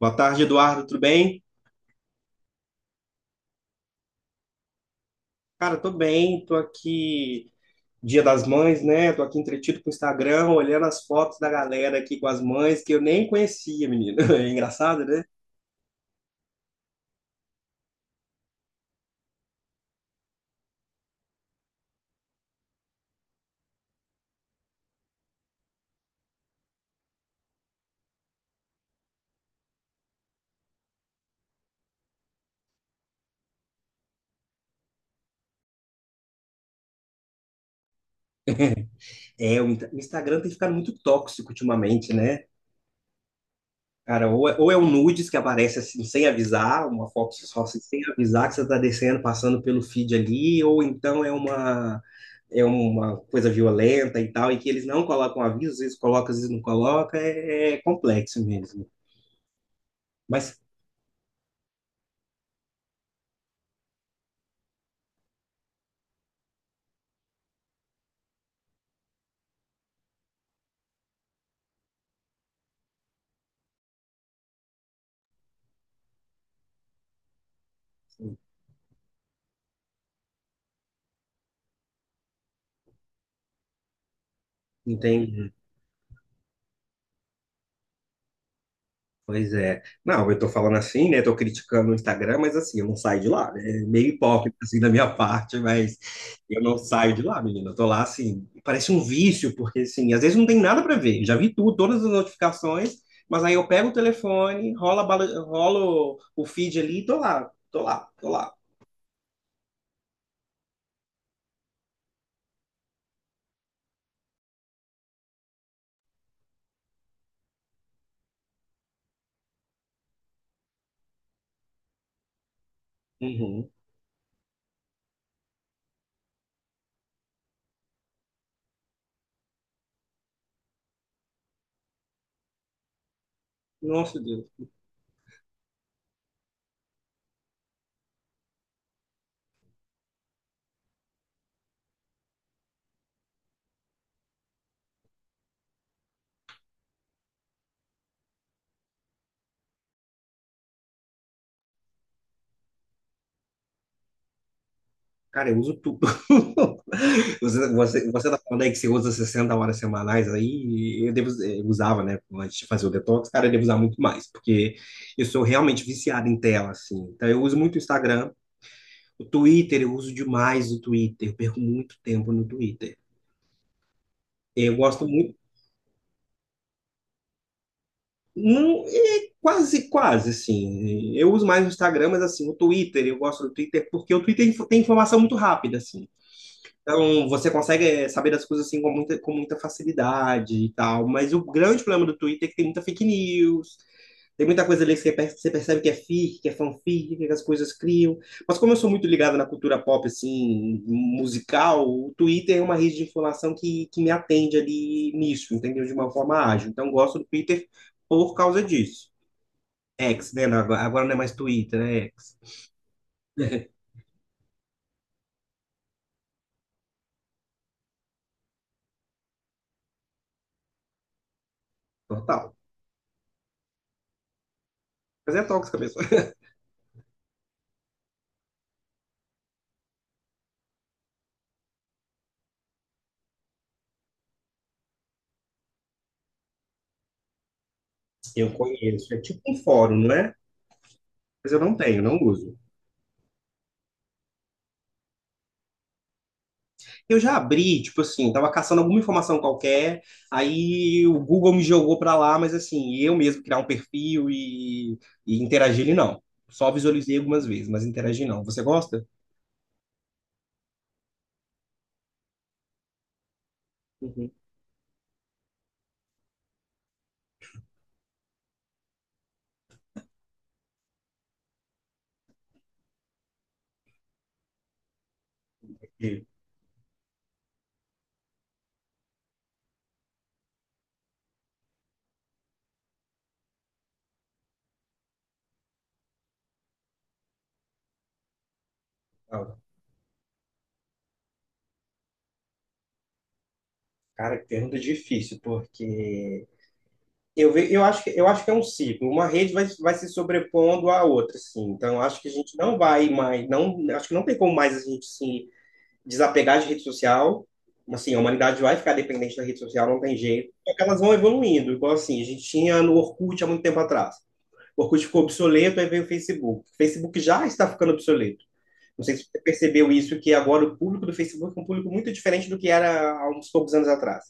Boa tarde, Eduardo, tudo bem? Cara, tô bem, tô aqui, Dia das Mães, né? Tô aqui entretido com o Instagram, olhando as fotos da galera aqui com as mães, que eu nem conhecia, menino. É engraçado, né? É, o Instagram tem ficado muito tóxico ultimamente, né? Cara, ou é um nudes que aparece assim, sem avisar, uma foto só assim, sem avisar que você tá descendo, passando pelo feed ali, ou então é uma... É uma coisa violenta e tal, e que eles não colocam aviso, às vezes colocam, às vezes não colocam, é complexo mesmo. Mas. Entendi. Pois é. Não, eu tô falando assim, né? Tô criticando o Instagram, mas assim, eu não saio de lá, né? É meio hipócrita assim da minha parte, mas eu não saio de lá, menina. Eu tô lá assim, parece um vício, porque assim, às vezes não tem nada para ver. Já vi tudo, todas as notificações, mas aí eu pego o telefone, rola, rola o feed ali e tô lá, tô lá, tô lá. Uhum. Nossa, Deus. Cara, eu uso tudo. Você tá falando aí que você usa 60 horas semanais aí, eu devo, eu usava, né, antes de fazer o detox, cara, eu devo usar muito mais, porque eu sou realmente viciado em tela, assim. Então, eu uso muito o Instagram, o Twitter, eu uso demais o Twitter, eu perco muito tempo no Twitter. Eu gosto muito, não, é quase, quase, assim. Eu uso mais o Instagram, mas, assim, o Twitter, eu gosto do Twitter porque o Twitter tem informação muito rápida, assim. Então, você consegue saber das coisas assim com muita facilidade e tal. Mas o grande problema do Twitter é que tem muita fake news, tem muita coisa ali que você você percebe que é fic, que é fanfic, que as coisas criam. Mas como eu sou muito ligado na cultura pop, assim, musical, o Twitter é uma rede de informação que me atende ali nisso, entendeu? De uma forma ágil. Então, eu gosto do Twitter por causa disso. X, né? Agora não é mais Twitter, né? X. Total. Mas é tóxica a pessoa. Eu conheço. É tipo um fórum, não é? Mas eu não tenho, não uso. Eu já abri, tipo assim, tava caçando alguma informação qualquer, aí o Google me jogou pra lá, mas assim, eu mesmo criar um perfil e interagir ele não. Só visualizei algumas vezes, mas interagir não. Você gosta? Uhum. E, ó. Cara, que pergunta difícil, porque eu, eu acho que é um ciclo. Uma rede vai se sobrepondo à outra, assim. Então, eu acho que a gente não vai mais, não, acho que não tem como mais a gente se desapegar de rede social. Assim, a humanidade vai ficar dependente da rede social, não tem jeito. Só que elas vão evoluindo. Igual assim, a gente tinha no Orkut há muito tempo atrás. O Orkut ficou obsoleto, aí veio o Facebook. O Facebook já está ficando obsoleto. Não sei se você percebeu isso, que agora o público do Facebook é um público muito diferente do que era há uns poucos anos atrás.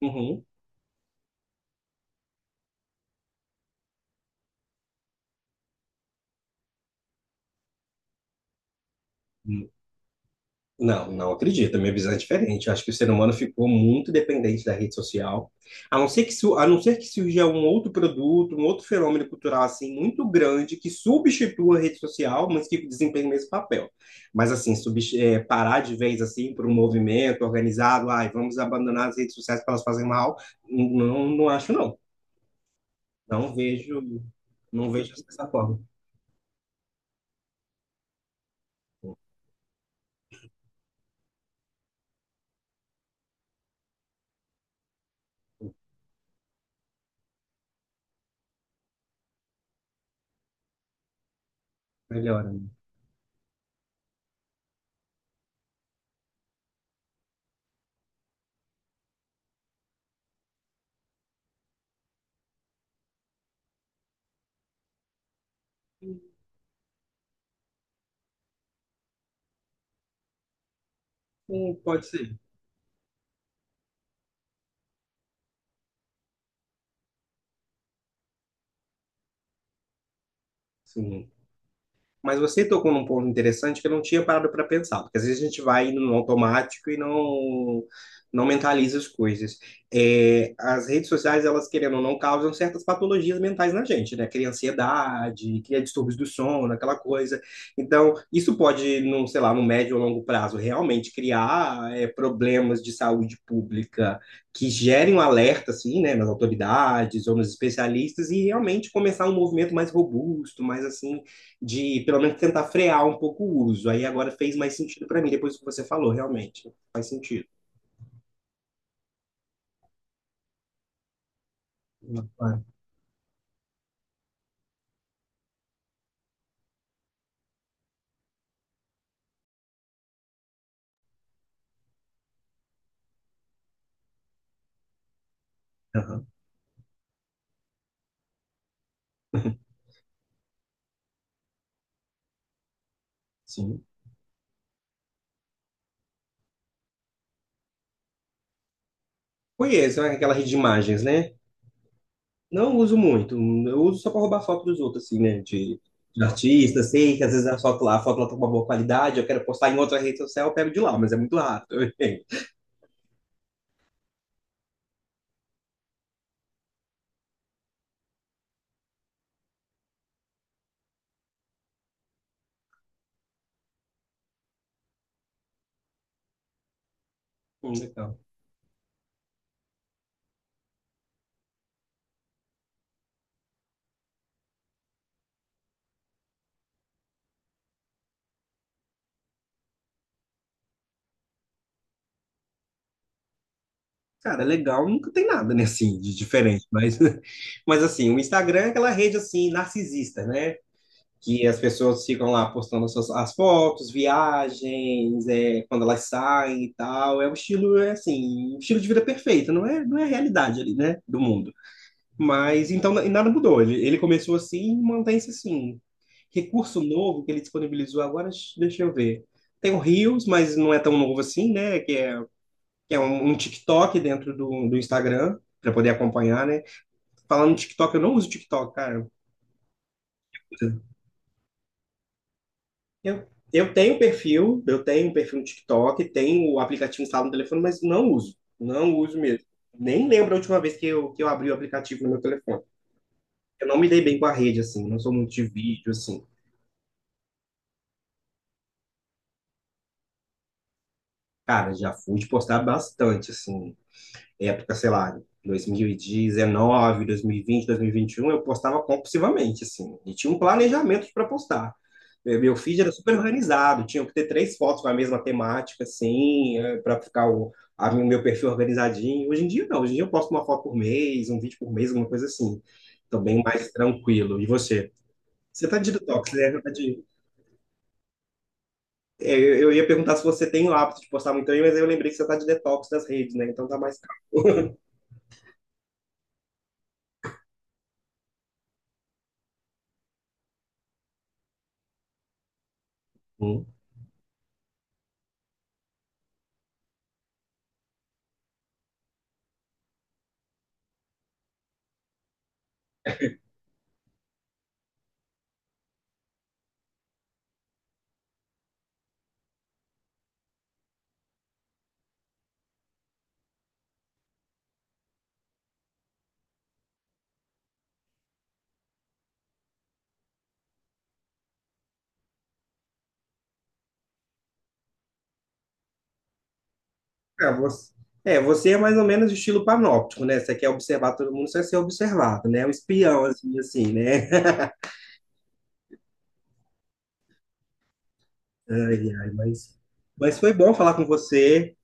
Uhum. Não, não acredito. A minha visão é diferente. Eu acho que o ser humano ficou muito dependente da rede social. A não ser que, su- a não ser que surja um outro produto, um outro fenômeno cultural assim muito grande que substitua a rede social, mas que desempenhe o mesmo papel. Mas assim, parar de vez assim por um movimento organizado, ai, vamos abandonar as redes sociais para elas fazerem mal, não, não acho não. Não vejo, não vejo dessa forma. Melhora, né? Pode ser. Sim. Mas você tocou num ponto interessante que eu não tinha parado para pensar, porque às vezes a gente vai indo no automático e não mentaliza as coisas. É, as redes sociais, elas querendo ou não, causam certas patologias mentais na gente, né? Cria ansiedade, cria distúrbios do sono, aquela coisa. Então, isso pode, num, sei lá, no médio ou longo prazo, realmente criar problemas de saúde pública que gerem um alerta, assim, né, nas autoridades ou nos especialistas e realmente começar um movimento mais robusto, mais assim de pelo menos tentar frear um pouco o uso. Aí agora fez mais sentido para mim, depois que você falou, realmente. Faz sentido. Ah, aham, sim. Conheço, né, aquela rede de imagens, né? Não uso muito. Eu uso só para roubar foto dos outros, assim, né? De artista, sei que às vezes a foto lá tá com uma boa qualidade, eu quero postar em outra rede social, eu pego de lá, mas é muito raro. Legal. Cara, legal, nunca tem nada, né, assim, de diferente, mas, mas assim, o Instagram é aquela rede, assim, narcisista, né? Que as pessoas ficam lá postando suas, as fotos, viagens, é, quando elas saem e tal. É um estilo, é assim, um estilo de vida perfeito, não é, não é a realidade ali, né, do mundo. Mas então e nada mudou. Ele começou assim e mantém-se assim. Recurso novo que ele disponibilizou agora, deixa eu ver. Tem o Reels, mas não é tão novo assim, né? Que é um TikTok dentro do Instagram, para poder acompanhar, né? Falando em TikTok, eu não uso TikTok, cara. Eu, eu tenho perfil, eu tenho um perfil no TikTok, tenho o aplicativo instalado no telefone, mas não uso. Não uso mesmo. Nem lembro a última vez que eu abri o aplicativo no meu telefone. Eu não me dei bem com a rede, assim, não sou muito de vídeo, assim. Cara, já fui de postar bastante, assim. Época, sei lá, 2019, 2020, 2021, eu postava compulsivamente, assim, e tinha um planejamento para postar. Meu feed era super organizado, tinha que ter três fotos com a mesma temática, assim, para ficar o meu perfil organizadinho. Hoje em dia, não, hoje em dia eu posto uma foto por mês, um vídeo por mês, alguma coisa assim. Tô bem mais tranquilo. E você? Você tá de detox, né? Você Tá de- é, eu ia perguntar se você tem o hábito de postar muito aí, mas aí eu lembrei que você tá de detox das redes, né? Então tá mais calmo. Ah, você é mais ou menos de estilo panóptico, né? Você quer observar todo mundo, você quer ser observado, né? É um espião, assim, né? Ai, ai, mas foi bom falar com você.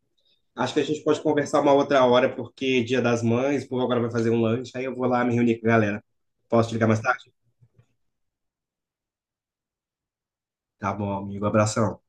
Acho que a gente pode conversar uma outra hora, porque Dia das Mães, o povo agora vai fazer um lanche, aí eu vou lá me reunir com a galera. Posso te ligar mais tarde? Tá bom, amigo. Abração.